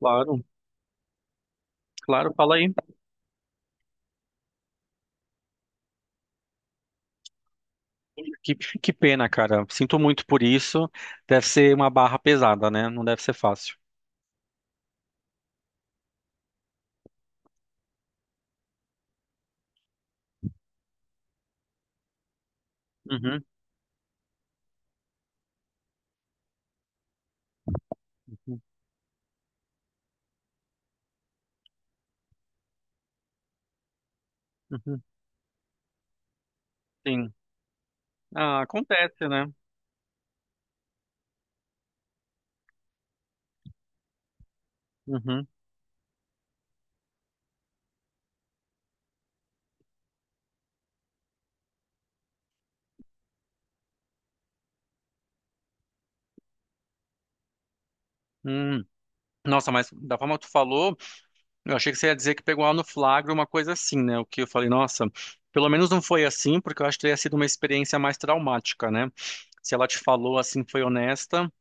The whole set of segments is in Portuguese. Claro, claro, fala aí. Que pena, cara. Sinto muito por isso. Deve ser uma barra pesada, né? Não deve ser fácil. Uhum, uhum, uhum, sim. Ah, acontece, né? Uhum, hum. Nossa, mas da forma que tu falou, eu achei que você ia dizer que pegou lá no flagra uma coisa assim, né? O que eu falei, nossa, pelo menos não foi assim, porque eu acho que teria sido uma experiência mais traumática, né? Se ela te falou assim, foi honesta,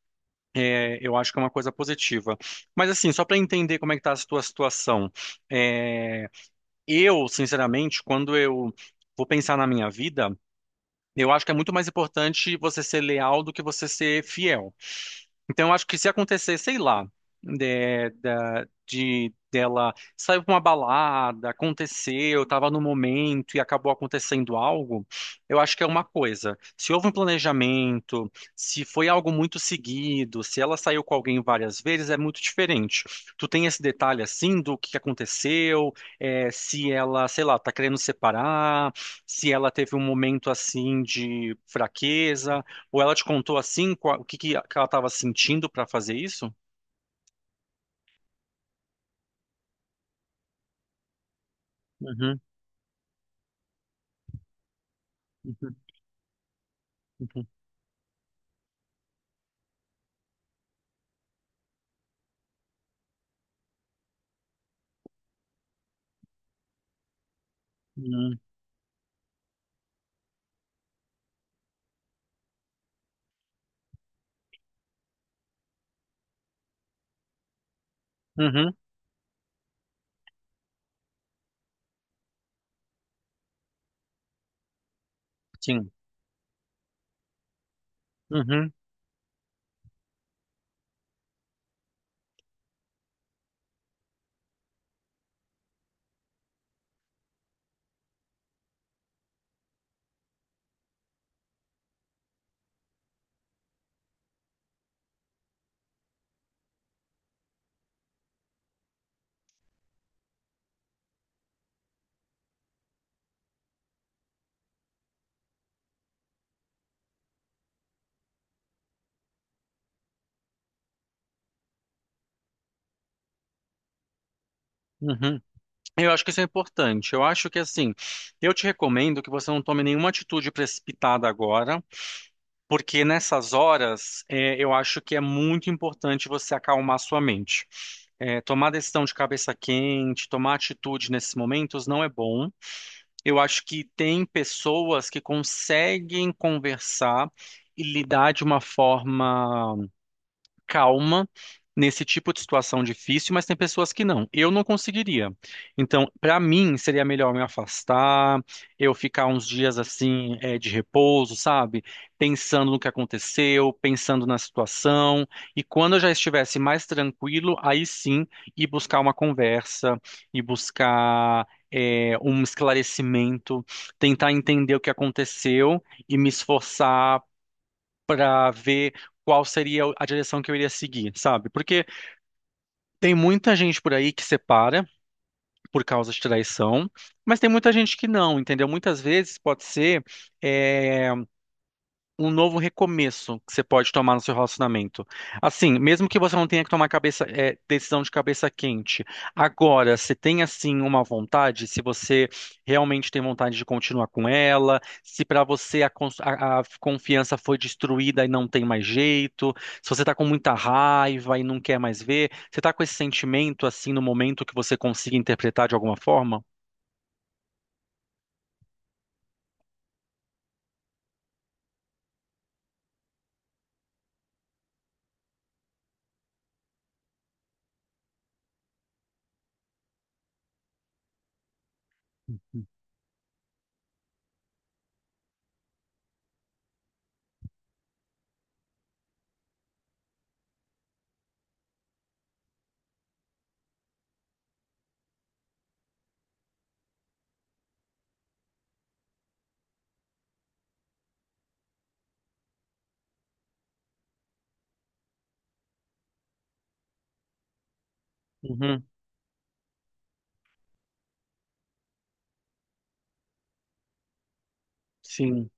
é, eu acho que é uma coisa positiva. Mas assim, só para entender como é que tá a tua situação. É, eu, sinceramente, quando eu vou pensar na minha vida, eu acho que é muito mais importante você ser leal do que você ser fiel. Então, eu acho que se acontecer, sei lá, dela saiu pra uma balada, aconteceu, estava no momento e acabou acontecendo algo, eu acho que é uma coisa. Se houve um planejamento, se foi algo muito seguido, se ela saiu com alguém várias vezes, é muito diferente. Tu tem esse detalhe assim do que aconteceu, é, se ela, sei lá, tá querendo separar, se ela teve um momento assim de fraqueza. Ou ela te contou assim, o que que ela estava sentindo para fazer isso? Uhum, uhum, uhum, uhum, uhum, sim. Uhum, uhum. Eu acho que isso é importante. Eu acho que assim, eu te recomendo que você não tome nenhuma atitude precipitada agora, porque nessas horas, é, eu acho que é muito importante você acalmar sua mente. É, tomar decisão de cabeça quente, tomar atitude nesses momentos não é bom. Eu acho que tem pessoas que conseguem conversar e lidar de uma forma calma nesse tipo de situação difícil, mas tem pessoas que não. Eu não conseguiria. Então, para mim, seria melhor me afastar, eu ficar uns dias assim, de repouso, sabe? Pensando no que aconteceu, pensando na situação. E quando eu já estivesse mais tranquilo, aí sim, ir buscar uma conversa, ir buscar, um esclarecimento, tentar entender o que aconteceu e me esforçar para ver qual seria a direção que eu iria seguir, sabe? Porque tem muita gente por aí que separa por causa de traição, mas tem muita gente que não, entendeu? Muitas vezes pode ser eh, um novo recomeço que você pode tomar no seu relacionamento. Assim, mesmo que você não tenha que tomar cabeça, é, decisão de cabeça quente, agora, se tem assim uma vontade, se você realmente tem vontade de continuar com ela, se para você a confiança foi destruída e não tem mais jeito, se você tá com muita raiva e não quer mais ver, você tá com esse sentimento assim no momento que você consiga interpretar de alguma forma? Uhum, sim.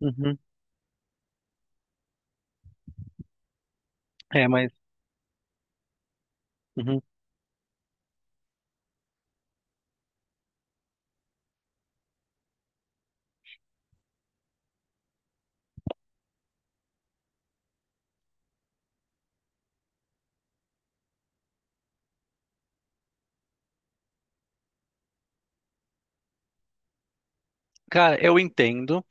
Uhum. É, mas. Uhum. Cara, eu entendo.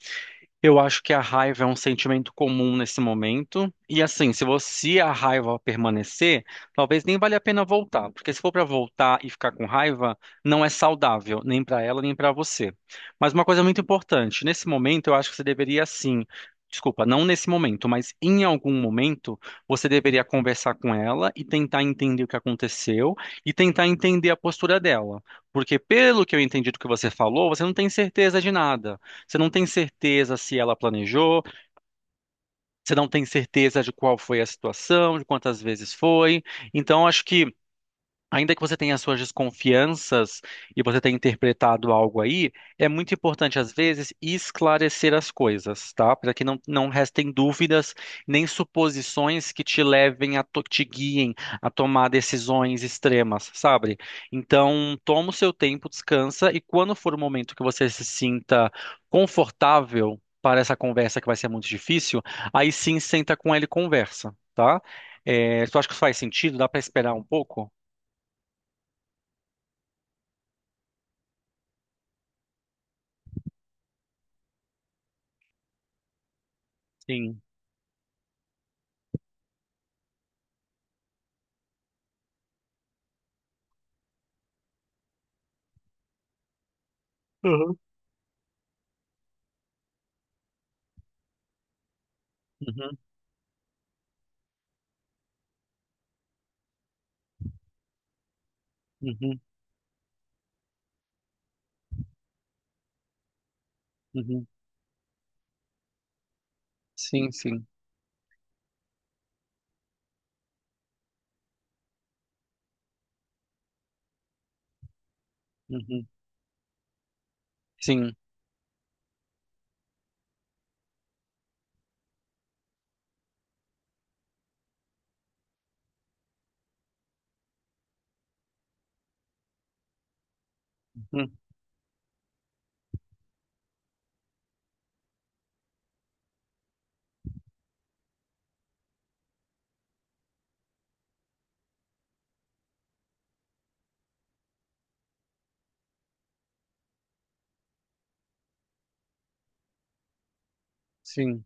Eu acho que a raiva é um sentimento comum nesse momento. E assim, se você a raiva permanecer, talvez nem valha a pena voltar, porque se for para voltar e ficar com raiva, não é saudável, nem para ela, nem para você. Mas uma coisa muito importante, nesse momento eu acho que você deveria sim, desculpa, não nesse momento, mas em algum momento você deveria conversar com ela e tentar entender o que aconteceu e tentar entender a postura dela, porque pelo que eu entendi do que você falou, você não tem certeza de nada. Você não tem certeza se ela planejou, você não tem certeza de qual foi a situação, de quantas vezes foi. Então, acho que ainda que você tenha suas desconfianças e você tenha interpretado algo aí, é muito importante, às vezes, esclarecer as coisas, tá? Para que não restem dúvidas nem suposições que te levem te guiem a tomar decisões extremas, sabe? Então, toma o seu tempo, descansa e quando for o momento que você se sinta confortável para essa conversa que vai ser muito difícil, aí sim senta com ele e conversa, tá? É, tu acha que isso faz sentido? Dá para esperar um pouco? Sim. Uhum, uhum, uhum, uhum. Sim, sim. Uhum, sim. Uhum, sim.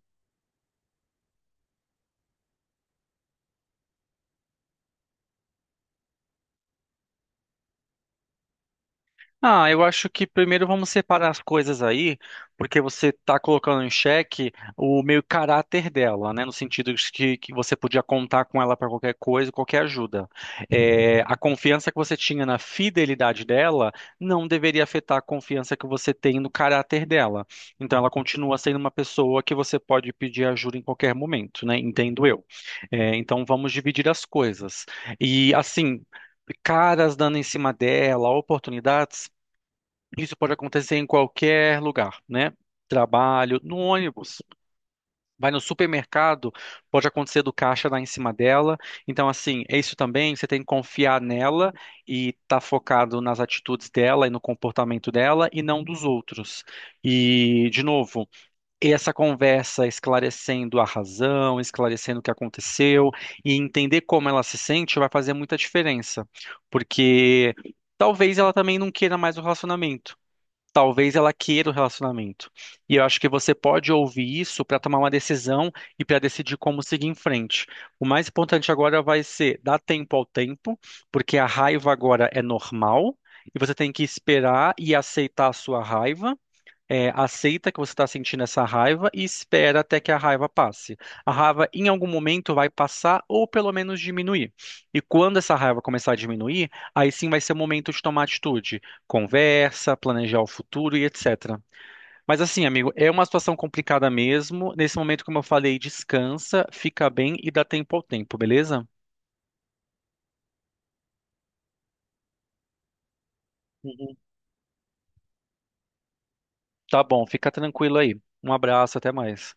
Ah, eu acho que primeiro vamos separar as coisas aí, porque você está colocando em xeque o meio caráter dela, né? No sentido de que você podia contar com ela para qualquer coisa, qualquer ajuda. É, a confiança que você tinha na fidelidade dela não deveria afetar a confiança que você tem no caráter dela. Então, ela continua sendo uma pessoa que você pode pedir ajuda em qualquer momento, né? Entendo eu. É, então, vamos dividir as coisas. E assim, caras dando em cima dela, oportunidades, isso pode acontecer em qualquer lugar, né? Trabalho, no ônibus, vai no supermercado, pode acontecer do caixa dar em cima dela. Então, assim, é isso também. Você tem que confiar nela e estar focado nas atitudes dela e no comportamento dela e não dos outros. E, de novo, essa conversa esclarecendo a razão, esclarecendo o que aconteceu e entender como ela se sente vai fazer muita diferença, porque talvez ela também não queira mais o relacionamento, talvez ela queira o relacionamento. E eu acho que você pode ouvir isso para tomar uma decisão e para decidir como seguir em frente. O mais importante agora vai ser dar tempo ao tempo, porque a raiva agora é normal. E você tem que esperar e aceitar a sua raiva, é, aceita que você está sentindo essa raiva e espera até que a raiva passe. A raiva, em algum momento, vai passar ou pelo menos diminuir. E quando essa raiva começar a diminuir, aí sim vai ser o momento de tomar atitude, conversa, planejar o futuro e etc. Mas assim, amigo, é uma situação complicada mesmo. Nesse momento, como eu falei, descansa, fica bem e dá tempo ao tempo, beleza? Uhum. Tá bom, fica tranquilo aí. Um abraço, até mais.